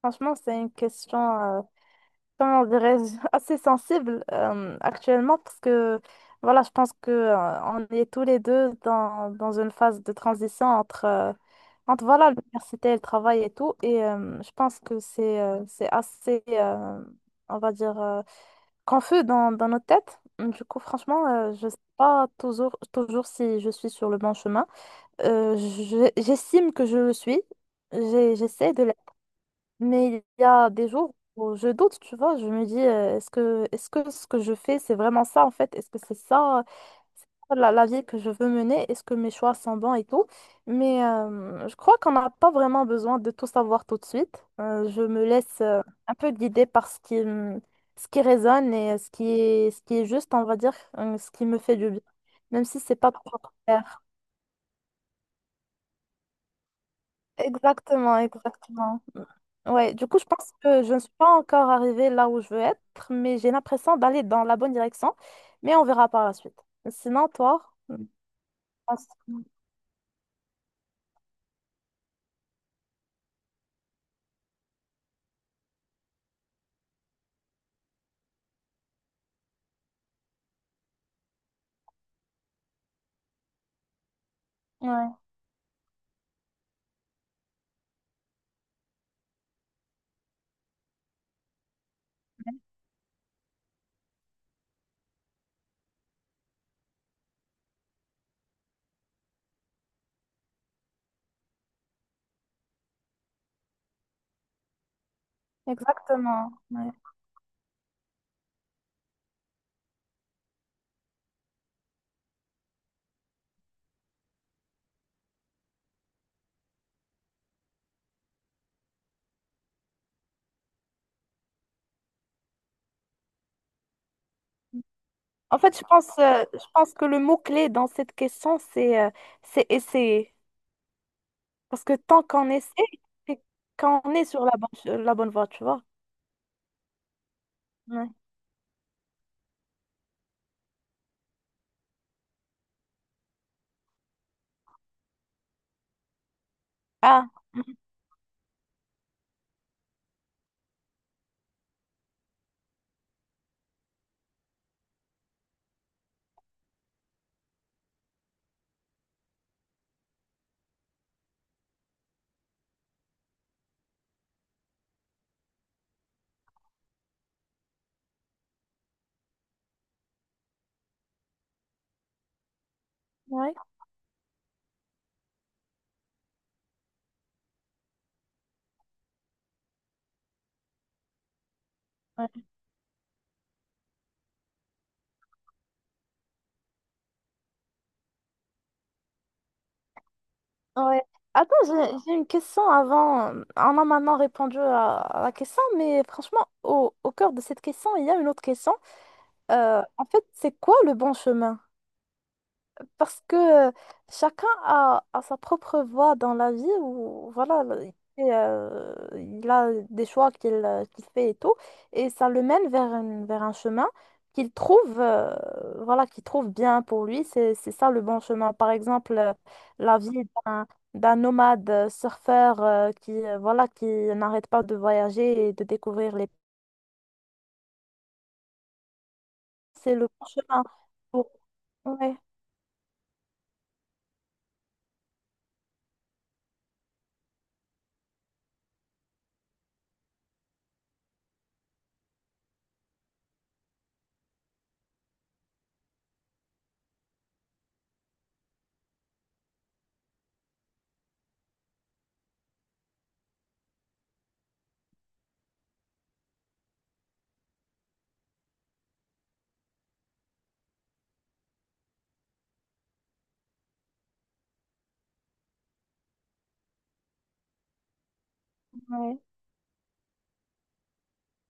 Franchement, c'est une question, comment dirais-je, assez sensible actuellement parce que, voilà, je pense que on est tous les deux dans une phase de transition entre voilà, l'université et le travail et tout. Et je pense que c'est assez, on va dire, confus dans nos têtes. Du coup, franchement, je sais pas toujours si je suis sur le bon chemin. J'estime que je le suis. J'essaie de mais il y a des jours où je doute, tu vois, je me dis, est-ce que ce que je fais, c'est vraiment ça en fait? Est-ce que c'est ça la vie que je veux mener? Est-ce que mes choix sont bons et tout? Mais je crois qu'on n'a pas vraiment besoin de tout savoir tout de suite. Je me laisse un peu guider par ce qui résonne et ce qui est juste, on va dire, ce qui me fait du bien, même si c'est pas trop clair. Exactement, exactement. Ouais, du coup, je pense que je ne suis pas encore arrivée là où je veux être, mais j'ai l'impression d'aller dans la bonne direction, mais on verra par la suite. Sinon, toi? Pense- Ouais, exactement. Ouais. En fait, je pense que le mot-clé dans cette question, c'est essayer. Parce que tant qu'on essaie, c'est qu'on est sur la bonne voie, tu vois. Ouais. Ah, ouais. Ouais. Attends, j'ai une question avant. On a maintenant répondu à la question, mais franchement, au cœur de cette question, il y a une autre question. En fait, c'est quoi le bon chemin? Parce que chacun a sa propre voie dans la vie où voilà, et, il a des choix qu'il fait et tout, et ça le mène vers un chemin qu'il trouve, voilà, qu'il trouve bien pour lui. C'est ça le bon chemin. Par exemple, la vie d'un, d'un nomade surfeur qui, voilà, qui n'arrête pas de voyager et de découvrir les... C'est le bon chemin. pour- Ouais, ouais.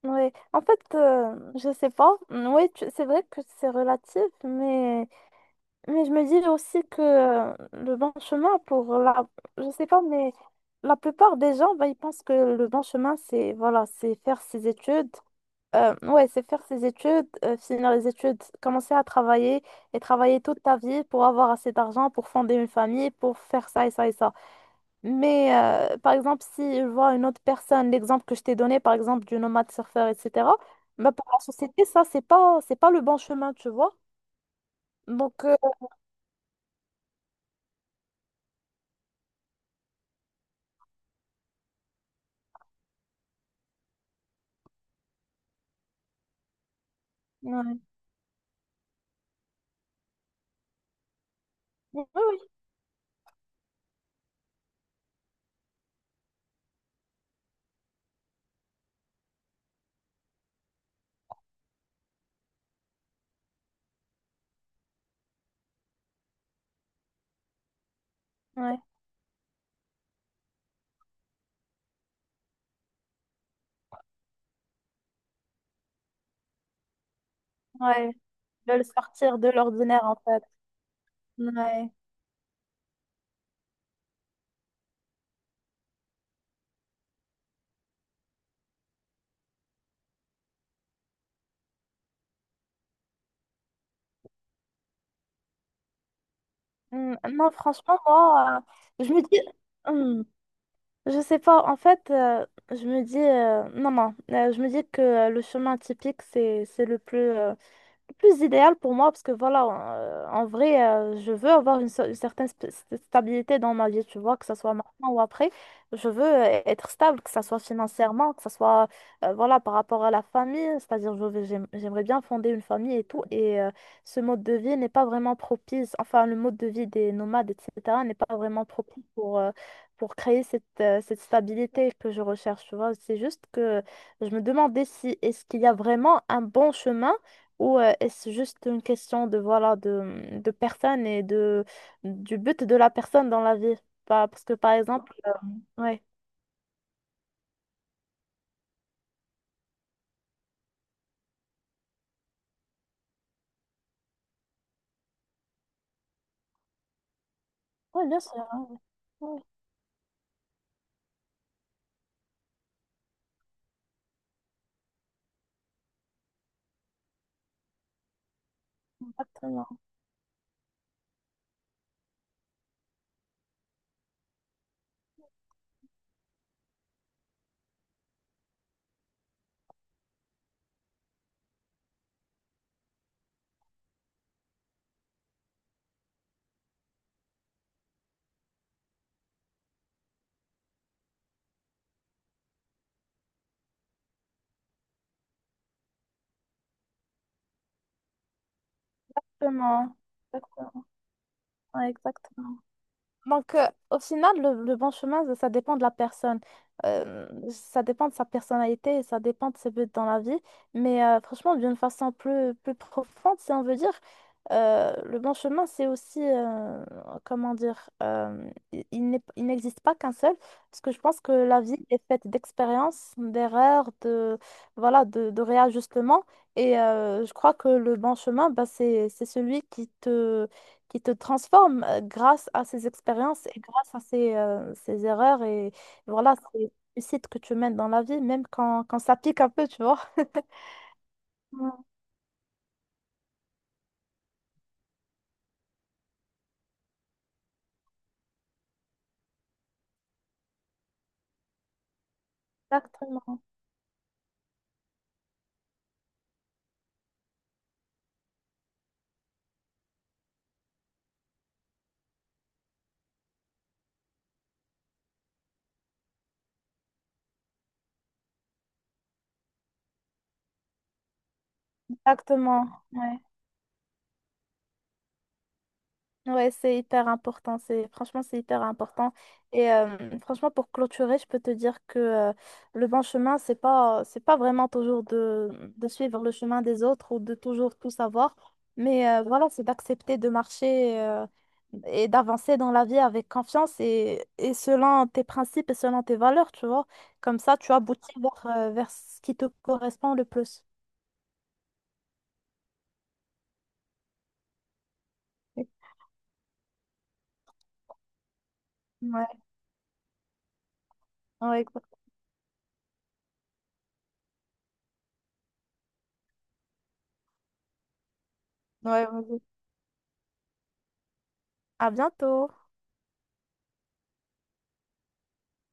Oui en fait, je sais pas. Oui, c'est vrai que c'est relatif, mais je me dis aussi que le bon chemin pour la... Je sais pas, mais la plupart des gens, bah, ils pensent que le bon chemin, c'est voilà, c'est faire ses études. Ouais, c'est faire ses études, finir les études, commencer à travailler et travailler toute ta vie pour avoir assez d'argent, pour fonder une famille, pour faire ça et ça et ça. Mais par exemple, si je vois une autre personne, l'exemple que je t'ai donné, par exemple, du nomade surfeur, etc., bah, pour la société, ça, c'est pas le bon chemin, tu vois. Donc, ouais. Oui, oui, ouais, ouais. De le sortir de l'ordinaire, en fait. Ouais. Mm, non, franchement, moi, je me dis, hmm, je sais pas, en fait, je me dis, non, non, je me dis que le chemin typique, c'est le plus, plus idéal pour moi parce que voilà, en vrai, je veux avoir une certaine stabilité dans ma vie, tu vois, que ce soit maintenant ou après. Je veux être stable, que ce soit financièrement, que ce soit voilà, par rapport à la famille, c'est-à-dire j'aimerais bien fonder une famille et tout. Et ce mode de vie n'est pas vraiment propice, enfin, le mode de vie des nomades, etc., n'est pas vraiment propice pour créer cette, cette stabilité que je recherche, tu vois. C'est juste que je me demandais si est-ce qu'il y a vraiment un bon chemin ou est-ce juste une question de, voilà, de personne et de, du but de la personne dans la vie? Parce que par exemple, ouais. Oui, bien sûr, hein. Oui, exactement. Exactement. Exactement. Ouais, exactement. Donc, au final, le bon chemin, ça dépend de la personne. Ça dépend de sa personnalité, ça dépend de ses buts dans la vie. Mais franchement, d'une façon plus profonde, si on veut dire, le bon chemin, c'est aussi, comment dire, il, il n'existe pas qu'un seul, parce que je pense que la vie est faite d'expériences, d'erreurs, de, voilà, de réajustements. Et je crois que le bon chemin, bah, c'est celui qui te transforme grâce à ces expériences et grâce à ces, ces erreurs. Et voilà, c'est réussite que tu mènes dans la vie, même quand, quand ça pique un peu, tu vois. Ouais. Exactement. Exactement. Ouais. Ouais, c'est hyper important. C'est franchement, c'est hyper important. Et franchement, pour clôturer, je peux te dire que le bon chemin, c'est pas vraiment toujours de suivre le chemin des autres ou de toujours tout savoir. Mais voilà, c'est d'accepter de marcher et d'avancer dans la vie avec confiance et selon tes principes et selon tes valeurs, tu vois. Comme ça, tu aboutis vers, vers ce qui te correspond le plus. Ouais, ouais, exact- ouais, vas-y. À bientôt.